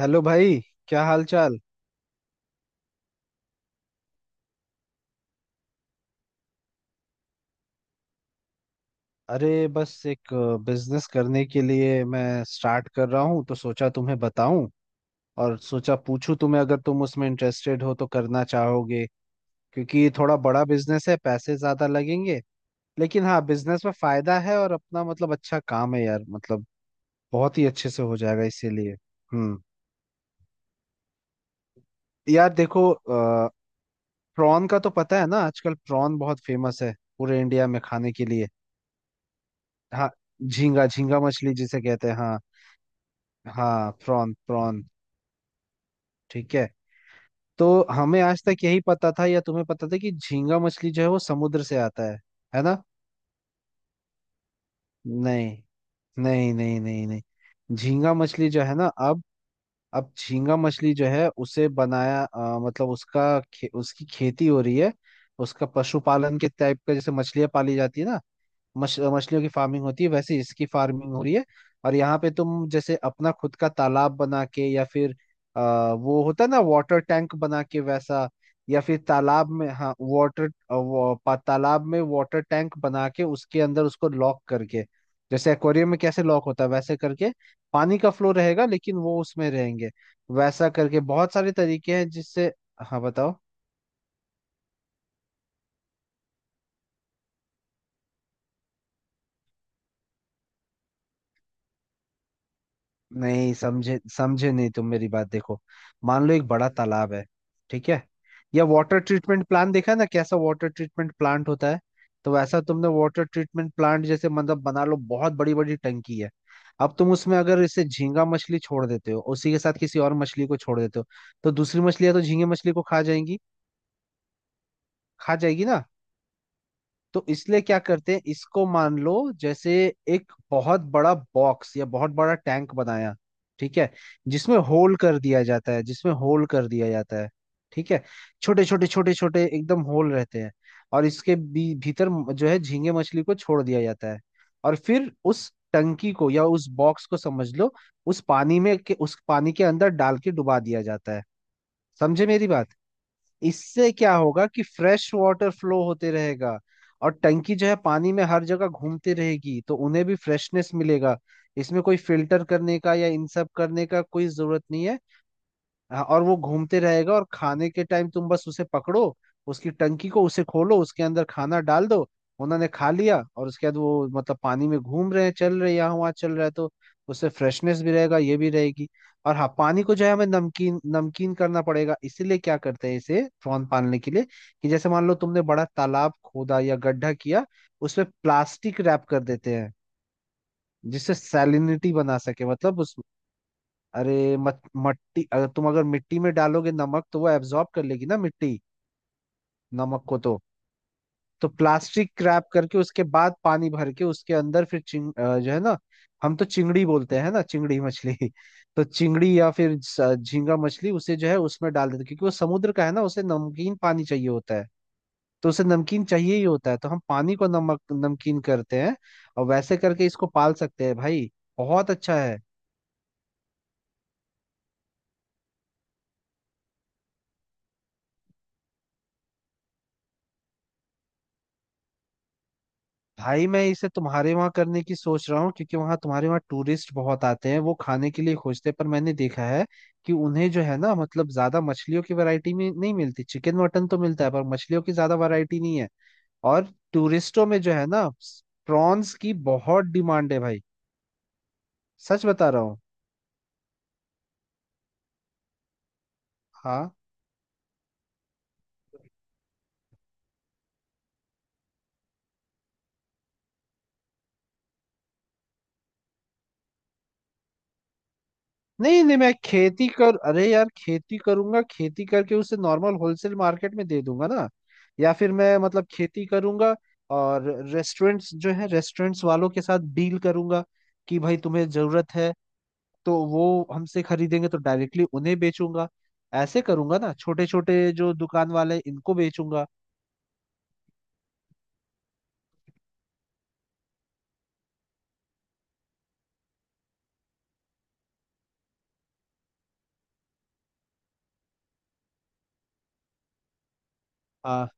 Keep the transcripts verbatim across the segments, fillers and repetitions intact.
Hello भाई। क्या हाल चाल। अरे बस एक बिजनेस करने के लिए मैं स्टार्ट कर रहा हूँ, तो सोचा तुम्हें बताऊं और सोचा पूछूं तुम्हें, अगर तुम उसमें इंटरेस्टेड हो तो करना चाहोगे। क्योंकि ये थोड़ा बड़ा बिजनेस है, पैसे ज्यादा लगेंगे। लेकिन हाँ, बिजनेस में फायदा है और अपना मतलब अच्छा काम है यार, मतलब बहुत ही अच्छे से हो जाएगा इसीलिए। हम्म। यार देखो, प्रॉन का तो पता है ना, आजकल प्रॉन बहुत फेमस है पूरे इंडिया में खाने के लिए। हाँ, झींगा झींगा मछली जिसे कहते हैं, हाँ। हाँ प्रॉन प्रॉन। ठीक है, तो हमें आज तक यही पता था या तुम्हें पता था कि झींगा मछली जो है वो समुद्र से आता है है ना। नहीं नहीं नहीं नहीं नहीं झींगा मछली जो है ना अब अब झींगा मछली जो है उसे बनाया अ, मतलब उसका खे, उसकी खेती हो रही है। उसका पशुपालन के टाइप का, जैसे मछलियां पाली जाती है ना, मछ मछलियों की फार्मिंग होती है, वैसे इसकी फार्मिंग हो रही है। और यहाँ पे तुम जैसे अपना खुद का तालाब बना के या फिर आ, वो होता है ना वाटर टैंक, बना के वैसा या फिर तालाब में, हाँ वाटर, तालाब में वाटर टैंक बना के उसके अंदर उसको लॉक करके, जैसे एक्वेरियम में कैसे लॉक होता है वैसे करके, पानी का फ्लो रहेगा लेकिन वो उसमें रहेंगे। वैसा करके बहुत सारे तरीके हैं जिससे। हाँ बताओ। नहीं समझे, समझे नहीं तुम मेरी बात, देखो मान लो एक बड़ा तालाब है। ठीक है। या वाटर ट्रीटमेंट प्लांट देखा है ना, कैसा वाटर ट्रीटमेंट प्लांट होता है। तो वैसा तुमने वाटर ट्रीटमेंट प्लांट जैसे मतलब बना लो, बहुत बड़ी बड़ी टंकी है। अब तुम उसमें अगर इसे झींगा मछली छोड़ देते हो, उसी के साथ किसी और मछली को छोड़ देते हो, तो दूसरी मछलियां तो झींगे मछली को खा जाएंगी। खा जाएगी ना। तो इसलिए क्या करते हैं इसको, मान लो जैसे एक बहुत बड़ा बॉक्स या बहुत बड़ा टैंक बनाया। ठीक है। जिसमें होल कर दिया जाता है, जिसमें होल कर दिया जाता है। ठीक है। छोटे छोटे छोटे छोटे एकदम होल रहते हैं। और इसके भी, भीतर जो है झींगे मछली को छोड़ दिया जाता है। और फिर उस टंकी को या उस बॉक्स को समझ लो उस पानी में के उस पानी के अंदर डाल के डुबा दिया जाता है। समझे मेरी बात। इससे क्या होगा कि फ्रेश वाटर फ्लो होते रहेगा, और टंकी जो है पानी में हर जगह घूमती रहेगी, तो उन्हें भी फ्रेशनेस मिलेगा। इसमें कोई फिल्टर करने का या इन सब करने का कोई जरूरत नहीं है। हाँ, और वो घूमते रहेगा और खाने के टाइम तुम बस उसे पकड़ो, उसकी टंकी को उसे खोलो, उसके अंदर खाना डाल दो। उन्होंने खा लिया और उसके बाद वो मतलब पानी में घूम रहे हैं, चल रहे हैं, यहाँ वहाँ चल रहा है, तो उससे फ्रेशनेस भी रहेगा ये भी रहेगी। और हाँ, पानी को जो है हमें नमकीन नमकीन करना पड़ेगा, इसीलिए क्या करते हैं इसे प्रॉन पालने के लिए कि जैसे मान लो तुमने बड़ा तालाब खोदा या गड्ढा किया, उसमें प्लास्टिक रैप कर देते हैं, जिससे सैलिनिटी बना सके मतलब उस। अरे मत मट्टी, अगर तुम अगर मिट्टी में डालोगे नमक तो वो एब्जॉर्ब कर लेगी ना मिट्टी नमक को। तो तो प्लास्टिक रैप करके उसके बाद पानी भर के उसके अंदर फिर चिंग अ, जो है ना, हम तो चिंगड़ी बोलते हैं ना, चिंगड़ी मछली। तो चिंगड़ी या फिर स- झींगा मछली उसे जो है उसमें डाल देते, क्योंकि वो समुद्र का है ना, उसे नमकीन पानी चाहिए होता है। तो उसे नमकीन चाहिए ही होता है, तो हम पानी को नमक नमकीन करते हैं। और वैसे करके इसको पाल सकते हैं भाई, बहुत अच्छा है। भाई मैं इसे तुम्हारे वहां करने की सोच रहा हूँ, क्योंकि वहां तुम्हारे वहां टूरिस्ट बहुत आते हैं, वो खाने के लिए खोजते हैं, पर मैंने देखा है कि उन्हें जो है ना मतलब ज्यादा मछलियों की वैरायटी में नहीं मिलती। चिकन मटन तो मिलता है, पर मछलियों की ज्यादा वैरायटी नहीं है। और टूरिस्टों में जो है ना, प्रॉन्स की बहुत डिमांड है भाई, सच बता रहा हूँ। हाँ नहीं नहीं, मैं खेती कर, अरे यार खेती करूंगा, खेती करके उसे नॉर्मल होलसेल मार्केट में दे दूंगा ना। या फिर मैं मतलब खेती करूंगा और रेस्टोरेंट्स जो है रेस्टोरेंट्स वालों के साथ डील करूंगा कि भाई तुम्हें जरूरत है तो वो हमसे खरीदेंगे, तो डायरेक्टली उन्हें बेचूंगा। ऐसे करूंगा ना, छोटे छोटे जो दुकान वाले इनको बेचूंगा। हाँ।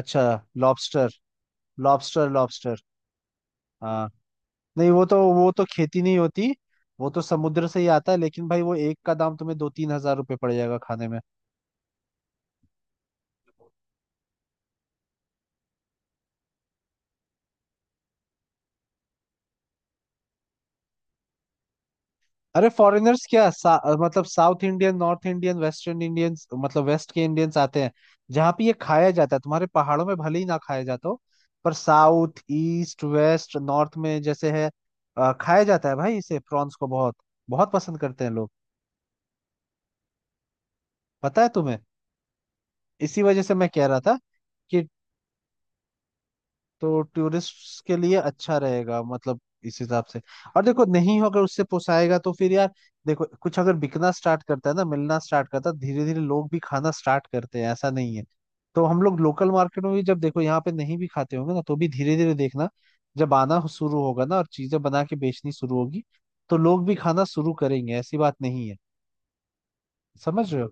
अच्छा। Lobster lobster lobster. नहीं वो तो, वो तो खेती नहीं होती, वो तो समुद्र से ही आता है। लेकिन भाई वो एक का दाम तुम्हें दो तीन हजार रुपये पड़ जाएगा खाने में। अरे फॉरेनर्स क्या सा, मतलब South Indian North Indian Western Indians, मतलब वेस्ट के इंडियंस आते हैं, जहाँ पे ये खाया जाता है। तुम्हारे पहाड़ों में भले ही ना खाया जाता हो, पर साउथ ईस्ट वेस्ट नॉर्थ में जैसे है, अ, खाया जाता है भाई, इसे प्रॉन्स को बहुत बहुत पसंद करते हैं लोग। पता है तुम्हें, इसी वजह से मैं कह रहा था कि, तो टूरिस्ट के लिए अच्छा रहेगा मतलब, इस हिसाब से। और देखो नहीं होगा उससे पोसाएगा तो फिर यार, देखो कुछ अगर बिकना स्टार्ट करता है ना, मिलना स्टार्ट करता है, धीरे धीरे लोग भी खाना स्टार्ट करते हैं, ऐसा नहीं है। तो हम लोग लोकल मार्केट में भी जब देखो यहाँ पे नहीं भी खाते होंगे ना, तो भी धीरे धीरे देखना जब आना शुरू होगा ना और चीजें बना के बेचनी शुरू होगी, तो लोग भी खाना शुरू करेंगे, ऐसी बात नहीं है। समझ रहे हो।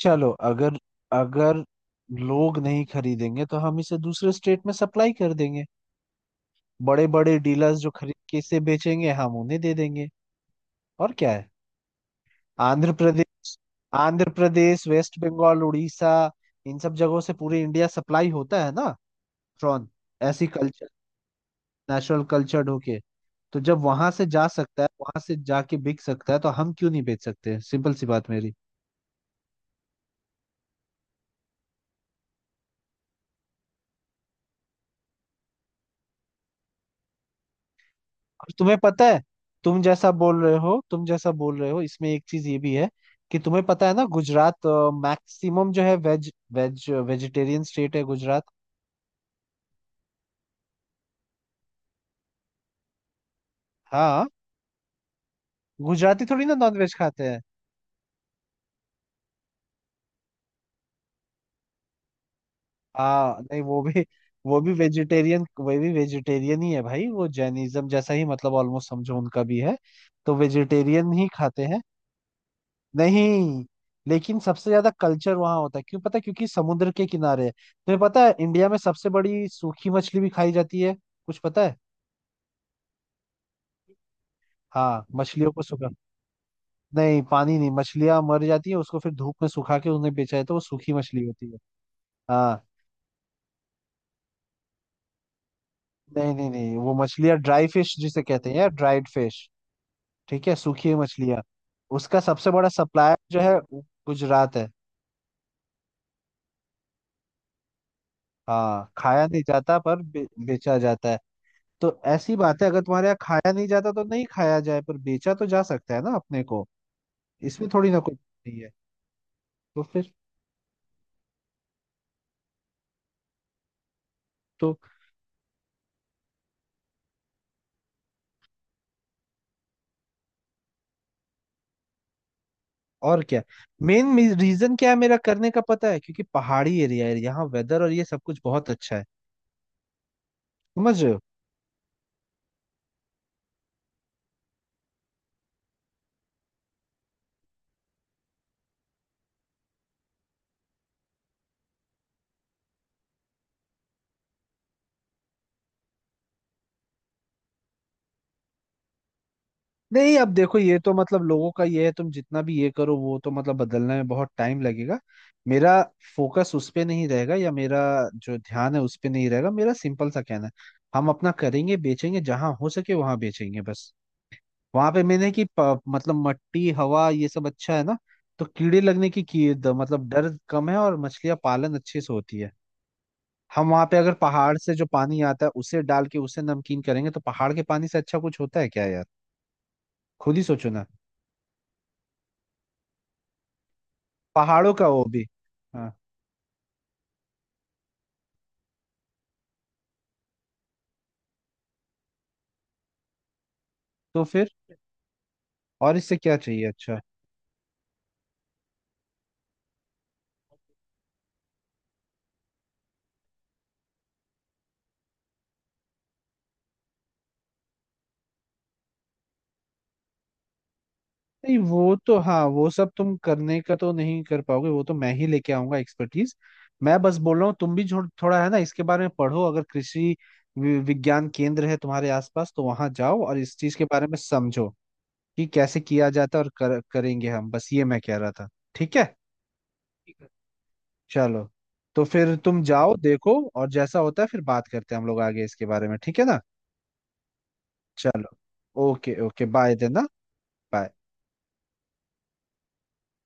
चलो अगर अगर लोग नहीं खरीदेंगे तो हम इसे दूसरे स्टेट में सप्लाई कर देंगे। बड़े बड़े डीलर्स जो खरीद के इसे बेचेंगे हम उन्हें दे देंगे। और क्या है। आंध्र प्रदेश, आंध्र प्रदेश वेस्ट बंगाल उड़ीसा, इन सब जगहों से पूरे इंडिया सप्लाई होता है ना, प्रॉन। ऐसी कल्चर, नेचुरल कल्चर्ड होके। तो जब वहां से जा सकता है, वहां से जाके बिक सकता है, तो हम क्यों नहीं बेच सकते, सिंपल सी बात मेरी। और तुम्हें पता है, तुम जैसा बोल रहे हो तुम जैसा बोल रहे हो इसमें एक चीज ये भी है कि तुम्हें पता है ना गुजरात, मैक्सिमम जो है वेज वेज वेजिटेरियन स्टेट है गुजरात। हाँ, गुजराती थोड़ी ना नॉनवेज खाते हैं। हाँ नहीं वो भी वो भी वेजिटेरियन, वो भी वेजिटेरियन ही है भाई, वो जैनिज्म जैसा ही मतलब ऑलमोस्ट समझो उनका भी है। तो वेजिटेरियन ही खाते हैं। नहीं, लेकिन सबसे ज्यादा कल्चर वहाँ होता है क्यों पता है, क्योंकि समुद्र के किनारे है। तुम्हें पता है इंडिया में सबसे बड़ी सूखी मछली भी खाई जाती है, कुछ पता है। हाँ मछलियों को सुखा, नहीं पानी नहीं, मछलियां मर जाती है उसको फिर धूप में सुखा के उन्हें बेचा जाता है, तो वो सूखी मछली होती है। हाँ नहीं नहीं नहीं, वो मछलियाँ ड्राई फिश जिसे कहते हैं यार, ड्राइड फिश। ठीक है, सूखी मछलियाँ। उसका सबसे बड़ा सप्लायर जो है वो गुजरात है। हाँ खाया नहीं जाता पर बे, बेचा जाता है। तो ऐसी बात है, अगर तुम्हारे यहाँ खाया नहीं जाता तो नहीं खाया जाए, पर बेचा तो जा सकता है ना अपने को। इसमें थोड़ी ना कोई नहीं है। तो फिर, तो और क्या, मेन रीजन क्या है मेरा करने का पता है, क्योंकि पहाड़ी एरिया है यहाँ, वेदर और ये सब कुछ बहुत अच्छा है। समझ रहे हो। नहीं अब देखो ये तो मतलब लोगों का ये है, तुम जितना भी ये करो वो तो मतलब बदलने में बहुत टाइम लगेगा। मेरा फोकस उस पे नहीं रहेगा या मेरा जो ध्यान है उस पे नहीं रहेगा। मेरा सिंपल सा कहना है, हम अपना करेंगे, बेचेंगे जहां हो सके वहां बेचेंगे बस। वहां पे मैंने कि प- मतलब मट्टी हवा ये सब अच्छा है ना, तो कीड़े लगने की, की द- मतलब डर कम है और मछलियां पालन अच्छे से होती है। हम वहां पे अगर पहाड़ से जो पानी आता है उसे डाल के उसे नमकीन करेंगे, तो पहाड़ के पानी से अच्छा कुछ होता है क्या यार, खुद ही सोचो ना। पहाड़ों का वो भी, हाँ। तो फिर और इससे क्या चाहिए, अच्छा। नहीं वो तो हाँ, वो सब तुम करने का तो नहीं कर पाओगे, वो तो मैं ही लेके आऊंगा एक्सपर्टीज। मैं बस बोल रहा हूँ तुम भी जो- थोड़ा है ना इसके बारे में पढ़ो, अगर कृषि वि- विज्ञान केंद्र है तुम्हारे आसपास तो वहां जाओ और इस चीज के बारे में समझो कि कैसे किया जाता है, और कर, करेंगे हम, बस ये मैं कह रहा था। ठीक है। ठीक है चलो, तो फिर तुम जाओ देखो और जैसा होता है फिर बात करते हैं हम लोग आगे इसके बारे में, ठीक है ना। चलो, okay okay bye then. Bye.